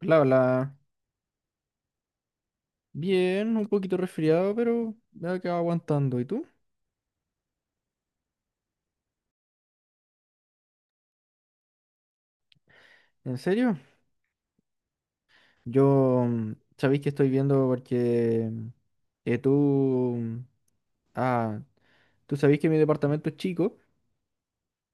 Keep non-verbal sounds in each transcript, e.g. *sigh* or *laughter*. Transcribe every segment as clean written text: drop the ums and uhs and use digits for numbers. Bla, bla. Bien, un poquito resfriado, pero me ha quedado aguantando. ¿Y tú? ¿En serio? Yo sabéis que estoy viendo porque eh, tú, mm, ah, tú sabéis que mi departamento es chico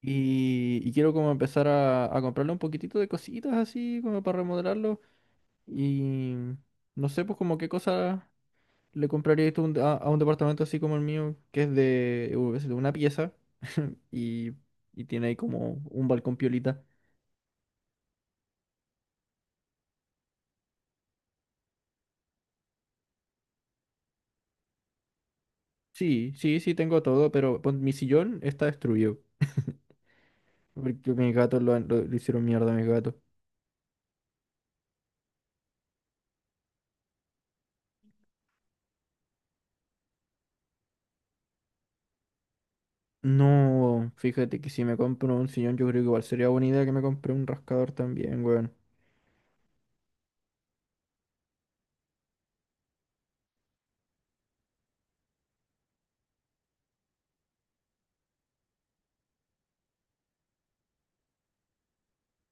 y quiero como empezar a comprarle un poquitito de cositas así como para remodelarlo y no sé pues como qué cosa le comprarías tú a un departamento así como el mío que es de, es de una pieza *laughs* y, y tiene ahí como un balcón piolita. Sí, sí, sí, tengo todo, pero mi sillón está destruido. Porque mis gatos le hicieron mierda a mis gatos. No, fíjate que si me compro un sillón, yo creo que igual sería buena idea que me compre un rascador también, weón.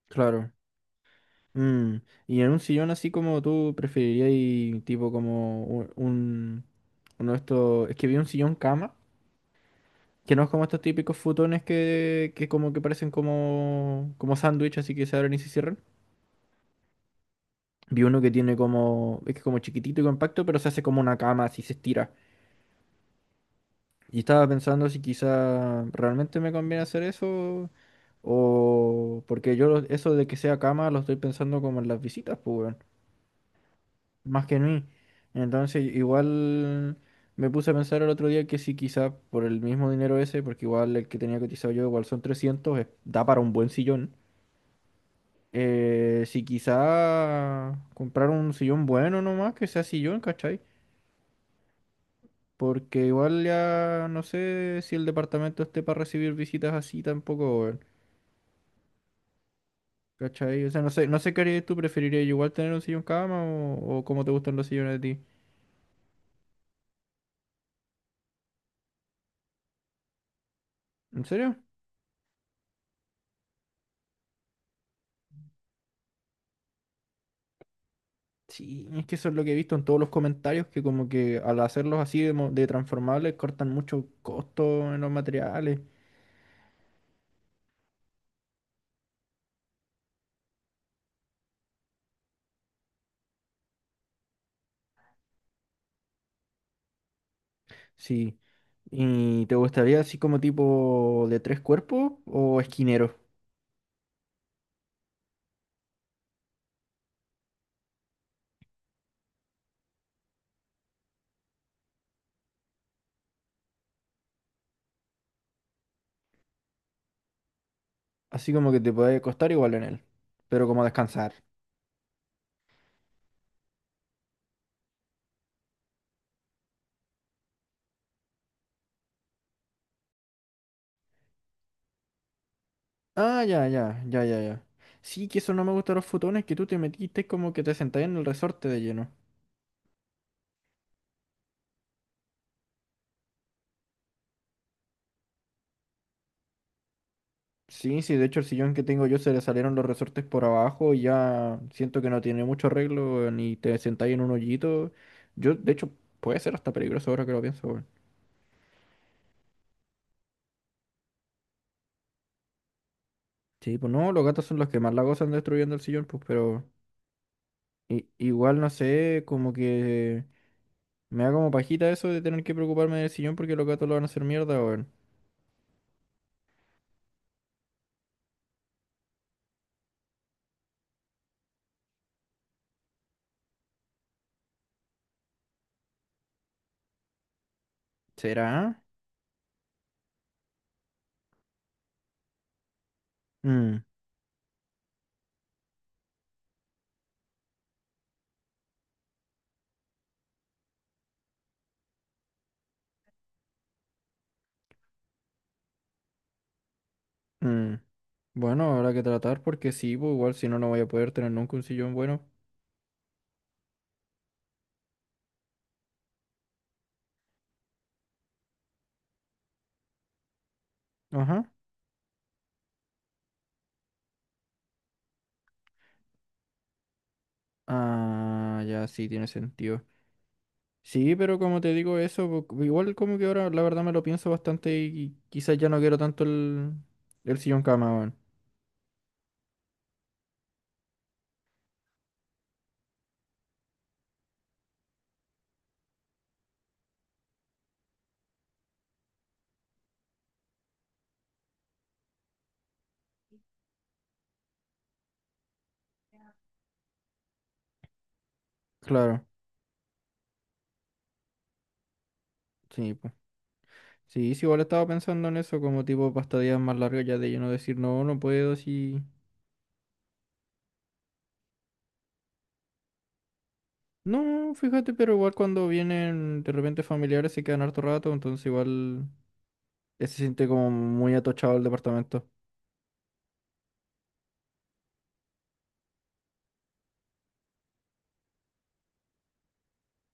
Claro. Mm. Y en un sillón así como tú preferirías, y tipo como uno de estos. Es que vi un sillón cama, que no es como estos típicos futones que como que parecen como, como sándwich, así que se abren y se cierran. Vi uno que tiene como, es que como chiquitito y compacto, pero se hace como una cama, así se estira. Y estaba pensando si quizá realmente me conviene hacer eso o porque eso de que sea cama lo estoy pensando como en las visitas, pues, weón, más que en mí. Entonces, igual me puse a pensar el otro día que si quizá por el mismo dinero ese, porque igual el que tenía cotizado yo, igual son trescientos, da para un buen sillón. Si quizá comprar un sillón bueno nomás, que sea sillón, ¿cachai? Porque igual ya no sé si el departamento esté para recibir visitas así tampoco, weón. ¿Cachai? O sea, no sé qué harías tú. ¿Preferirías igual tener un sillón cama o cómo te gustan los sillones de ti? ¿En serio? Sí, es que eso es lo que he visto en todos los comentarios, que como que al hacerlos de transformables cortan mucho costo en los materiales. Sí. ¿Y te gustaría así como tipo de tres cuerpos o esquinero? Así como que te puede costar igual en él, pero como descansar. Ah, ya, ya, ya, ya, ya. Sí, que eso no me gusta de los futones, que tú te metiste como que te sentás en el resorte de lleno. Sí, sí, de hecho el sillón que tengo yo se le salieron los resortes por abajo y ya siento que no tiene mucho arreglo, ni te sentáis en un hoyito. Yo, de hecho, puede ser hasta peligroso ahora que lo pienso, weón. Sí, pues no, los gatos son los que más la gozan destruyendo el sillón, pues, pero igual no sé, como que me da como pajita eso de tener que preocuparme del sillón porque los gatos lo van a hacer mierda, weón. ¿Será? Mm. Mm. Bueno, habrá que tratar porque sí, pues, igual si no, no voy a poder tener nunca un sillón bueno. Ajá. Ah, ya, sí, tiene sentido. Sí, pero como te digo eso, pues, igual como que ahora la verdad me lo pienso bastante y quizás ya no quiero tanto el sillón cama, weón. Claro, sí, pues. Sí, sí, igual estaba pensando en eso como tipo pastadillas más largas ya de yo no decir no, no puedo, sí. No, fíjate, pero igual cuando vienen de repente familiares se quedan harto rato, entonces igual... Se siente como muy atochado el departamento.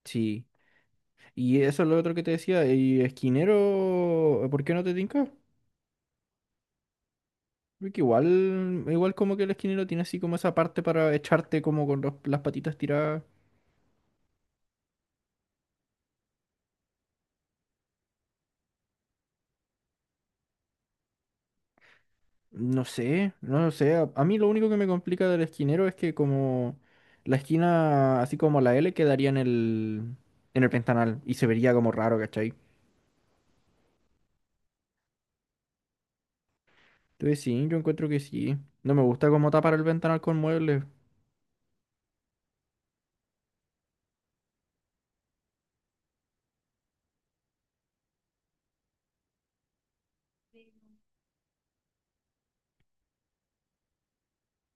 Sí. Y eso es lo otro que te decía. Y esquinero, ¿por qué no te tinca? Porque igual como que el esquinero tiene así como esa parte para echarte como con las patitas tiradas. No sé, no lo sé. A mí lo único que me complica del esquinero es que como la esquina, así como la L, quedaría en en el ventanal y se vería como raro, ¿cachai? Entonces sí, yo encuentro que sí. No me gusta como tapar el ventanal con muebles.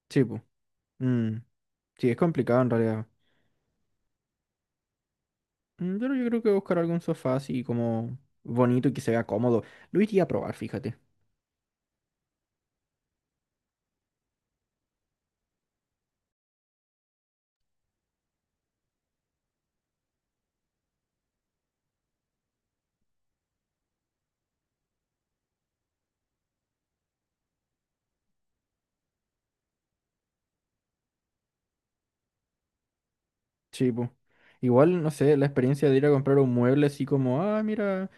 Sí, pues. Mm. Sí, es complicado en realidad. Mm. Pero yo creo que buscar algún sofá así como bonito y que se vea cómodo. Lo iría a probar, fíjate. Sí, pues. Igual, no sé, la experiencia de ir a comprar un mueble así como, ah, mira,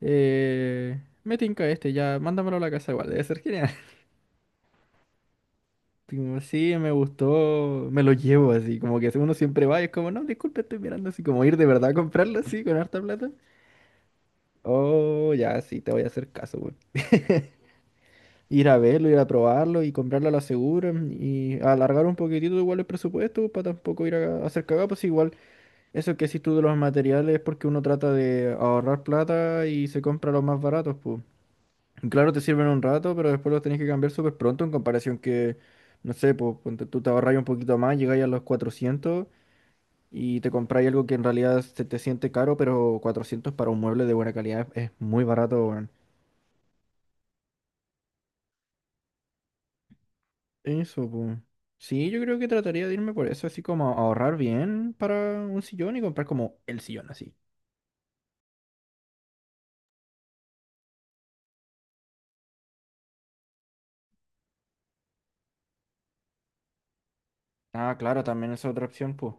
me tinca este, ya, mándamelo a la casa igual, debe ser genial. *laughs* Como, sí, me gustó, me lo llevo así, como que uno siempre va y es como, no, disculpe, estoy mirando así, como ir de verdad a comprarlo así con harta plata. Oh, ya, sí, te voy a hacer caso, güey. *laughs* Ir a verlo, ir a probarlo y comprarlo a la segura mm, y alargar un poquitito igual el presupuesto para tampoco ir a hacer cagadas, pues igual eso que decís tú de los materiales es porque uno trata de ahorrar plata y se compra los más baratos, pues. Y claro, te sirven un rato, pero después los tenés que cambiar súper pronto en comparación que, no sé, pues ponte tú te ahorras un poquito más, llegáis a los 400 y te compráis algo que en realidad se te siente caro, pero 400 para un mueble de buena calidad es muy barato. Eso, pues. Sí, yo creo que trataría de irme por eso, así como ahorrar bien para un sillón y comprar como el sillón así. Ah, claro, también es otra opción, pues.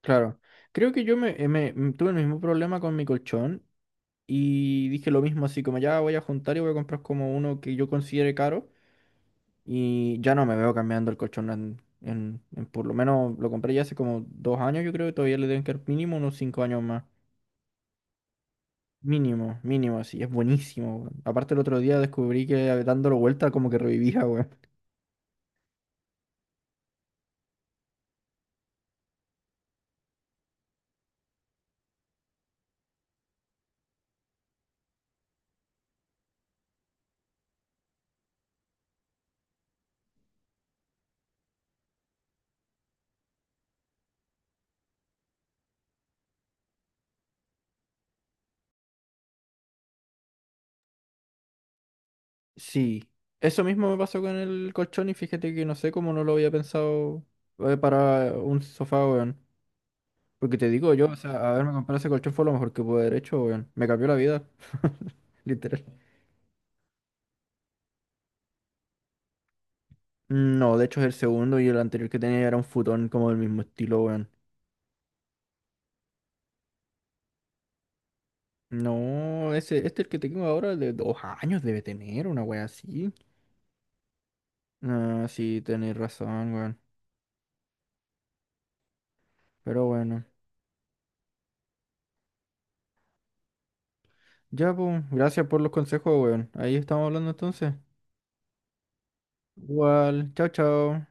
Claro. Creo que yo me, me- m- tuve el mismo problema con mi colchón y dije lo mismo, así como ya voy a juntar y voy a comprar como uno que yo considere caro y ya no me veo cambiando el colchón en por lo menos lo compré ya hace como 2 años, yo creo que todavía le deben quedar mínimo unos 5 años más. Mínimo, mínimo, así, es buenísimo, weón. Aparte el otro día descubrí que dándolo vuelta como que revivía, weón. Sí, eso mismo me pasó con el colchón y fíjate que no sé cómo no lo había pensado para un sofá, weón. Porque te digo yo, o sea, haberme comprado ese colchón fue lo mejor que pude haber hecho, weón. Me cambió la vida, *laughs* literal. No, de hecho es el segundo y el anterior que tenía era un futón como del mismo estilo, weón. No, ese, este el que tengo ahora de 2 años debe tener una wea así. Ah, sí, tenés razón, weón. Pero bueno. Ya, pues, gracias por los consejos, weón. Ahí estamos hablando entonces. Igual, chao, chao.